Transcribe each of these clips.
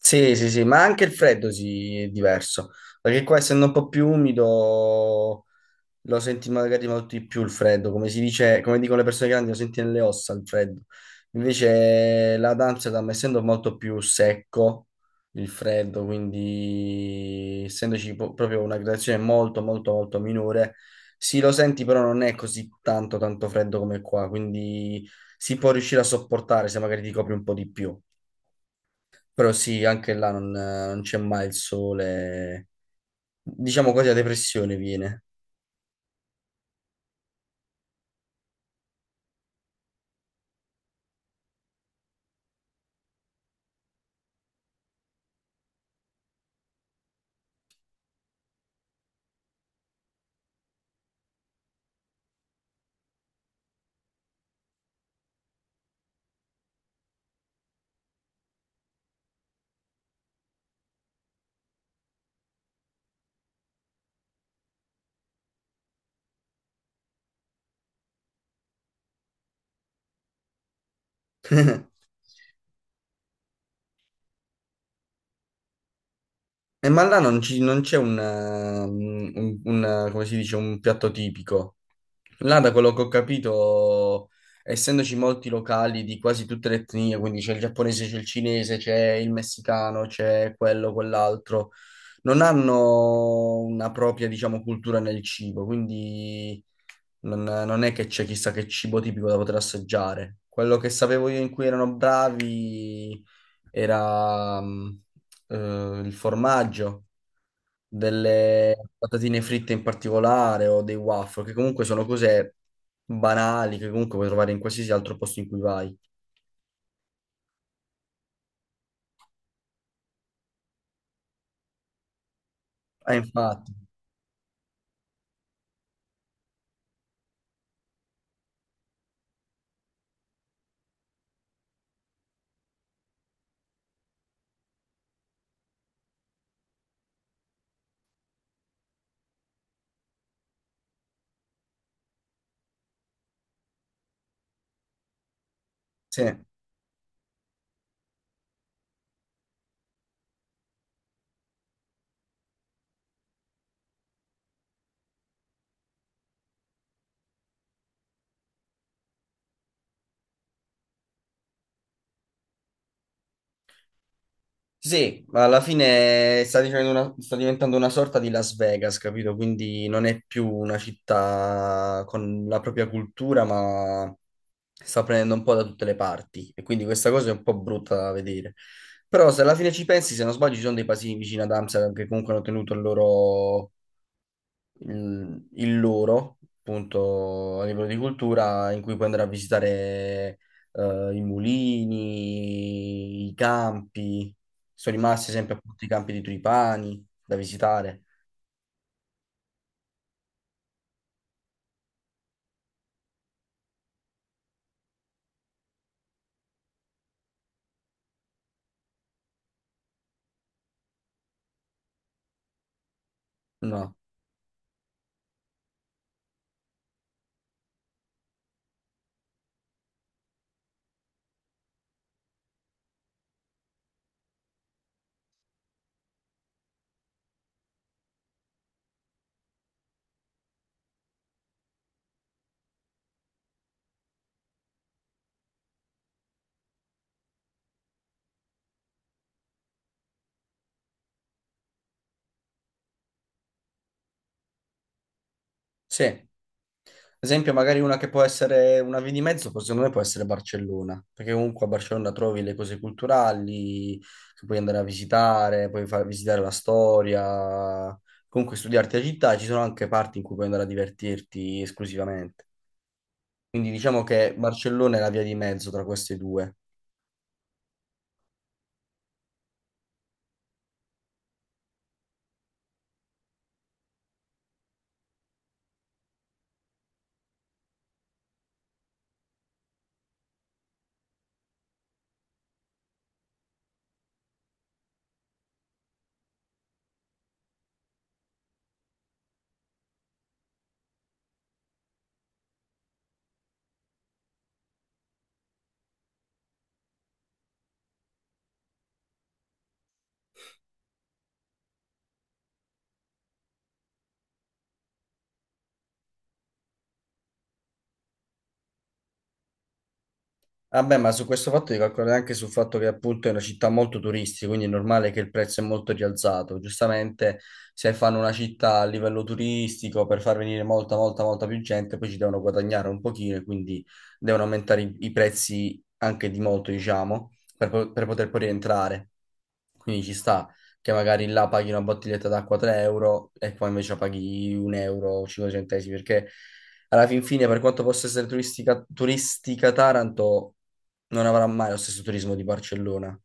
Sì, sì, sì, ma anche il freddo si è diverso, perché qua essendo un po' più umido lo senti magari molto di più il freddo, come si dice, come dicono le persone grandi, lo senti nelle ossa il freddo. Invece la Amsterdam, essendo molto più secco il freddo, quindi essendoci proprio una gradazione molto, molto, molto minore, sì, lo senti, però non è così tanto, tanto freddo come qua, quindi si può riuscire a sopportare se magari ti copri un po' di più. Però sì, anche là non c'è mai il sole. Diciamo quasi la depressione viene. Ma là non c'è come si dice, un piatto tipico. Là, da quello che ho capito, essendoci molti locali di quasi tutte le etnie, quindi c'è il giapponese, c'è il cinese, c'è il messicano, c'è quello, quell'altro. Non hanno una propria, diciamo, cultura nel cibo, quindi non è che c'è chissà che cibo tipico da poter assaggiare. Quello che sapevo io in cui erano bravi era il formaggio, delle patatine fritte in particolare o dei waffle, che comunque sono cose banali che comunque puoi trovare in qualsiasi altro posto in cui vai. Ah, infatti, sì. Sì, ma alla fine sta dicendo sta diventando una sorta di Las Vegas, capito? Quindi non è più una città con la propria cultura, ma sta prendendo un po' da tutte le parti. E quindi questa cosa è un po' brutta da vedere. Però se alla fine ci pensi, se non sbaglio, ci sono dei paesini vicino ad Amsterdam che comunque hanno tenuto il loro, appunto, a livello di cultura, in cui puoi andare a visitare i mulini, i campi. Sono rimasti sempre appunto i campi di Tripani da visitare. No, sì. Esempio, magari una che può essere una via di mezzo, poi secondo me può essere Barcellona, perché comunque a Barcellona trovi le cose culturali che puoi andare a visitare, puoi far visitare la storia, comunque studiarti la città, ci sono anche parti in cui puoi andare a divertirti esclusivamente. Quindi diciamo che Barcellona è la via di mezzo tra queste due. Vabbè, ma su questo fatto devi calcolare anche sul fatto che appunto è una città molto turistica, quindi è normale che il prezzo è molto rialzato. Giustamente, se fanno una città a livello turistico per far venire molta, molta, molta più gente, poi ci devono guadagnare un pochino e quindi devono aumentare i prezzi anche di molto, diciamo, per poter poi rientrare. Quindi ci sta che magari là paghi una bottiglietta d'acqua 3 euro e qua invece la paghi 1 euro o 5 centesimi, perché alla fin fine, per quanto possa essere turistica, turistica Taranto non avrà mai lo stesso turismo di Barcellona.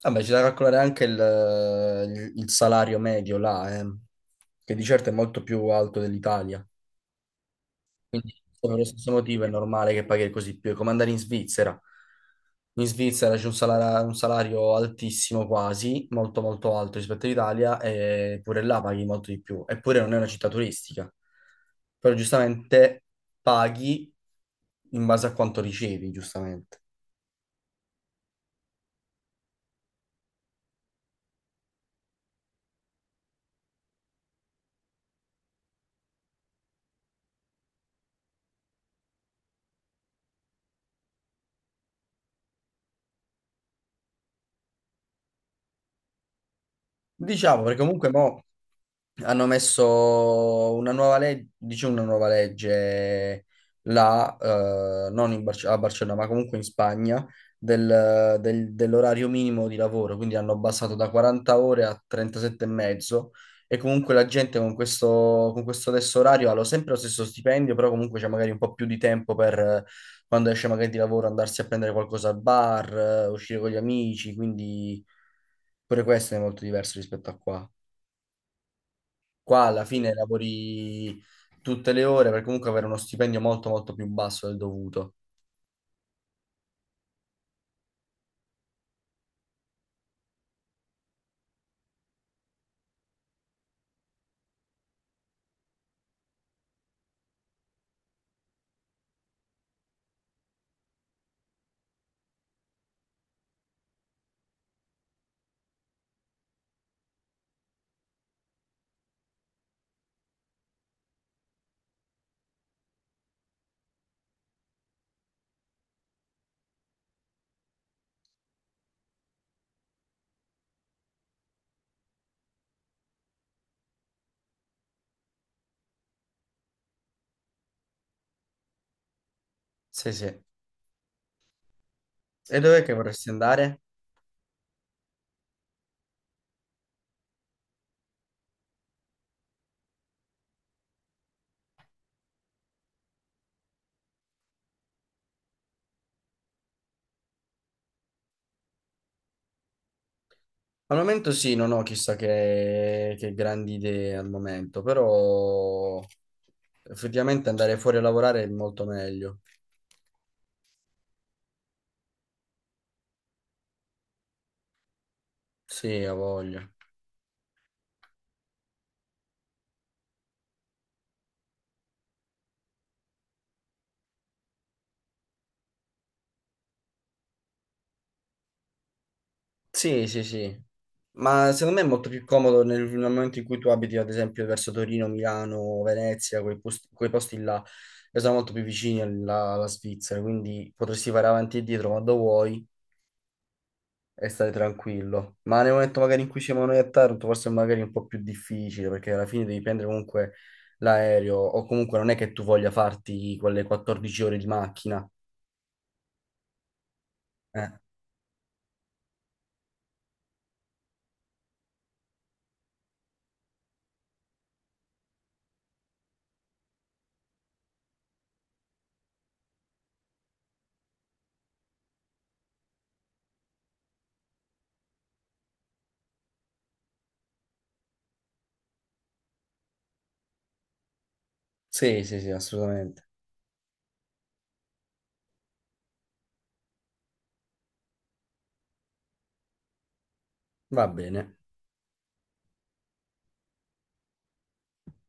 Vabbè, c'è da calcolare anche il salario medio là, che di certo è molto più alto dell'Italia. Quindi, per lo stesso motivo, è normale che paghi così più. È come andare in Svizzera. In Svizzera c'è un salario, altissimo quasi, molto molto alto rispetto all'Italia, e pure là paghi molto di più. Eppure non è una città turistica. Però giustamente paghi in base a quanto ricevi, giustamente. Diciamo, perché comunque mo hanno messo una nuova legge, dice una nuova legge là, non a Barcellona, ma comunque in Spagna, dell'orario minimo di lavoro, quindi hanno abbassato da 40 ore a 37 e mezzo e comunque la gente con questo, adesso orario ha sempre lo stesso stipendio, però comunque c'è magari un po' più di tempo per quando esce magari di lavoro andarsi a prendere qualcosa al bar, uscire con gli amici, quindi. Pure questo è molto diverso rispetto a qua. Qua alla fine lavori tutte le ore per comunque avere uno stipendio molto molto più basso del dovuto. Sì, sì. E dov'è che vorresti andare? Al momento sì, non ho chissà che grandi idee al momento, però effettivamente andare fuori a lavorare è molto meglio. Sì, ho voglia. Sì, sì, sì. Ma secondo me è molto più comodo nel momento in cui tu abiti, ad esempio, verso Torino, Milano, Venezia, quei posti là, che sono molto più vicini alla Svizzera, quindi potresti fare avanti e dietro quando vuoi e stare tranquillo. Ma nel momento magari in cui siamo noi a Taranto, forse è magari un po' più difficile, perché alla fine devi prendere comunque l'aereo, o comunque non è che tu voglia farti quelle 14 ore di macchina. Eh, Sì, sì, sì, assolutamente. Va bene.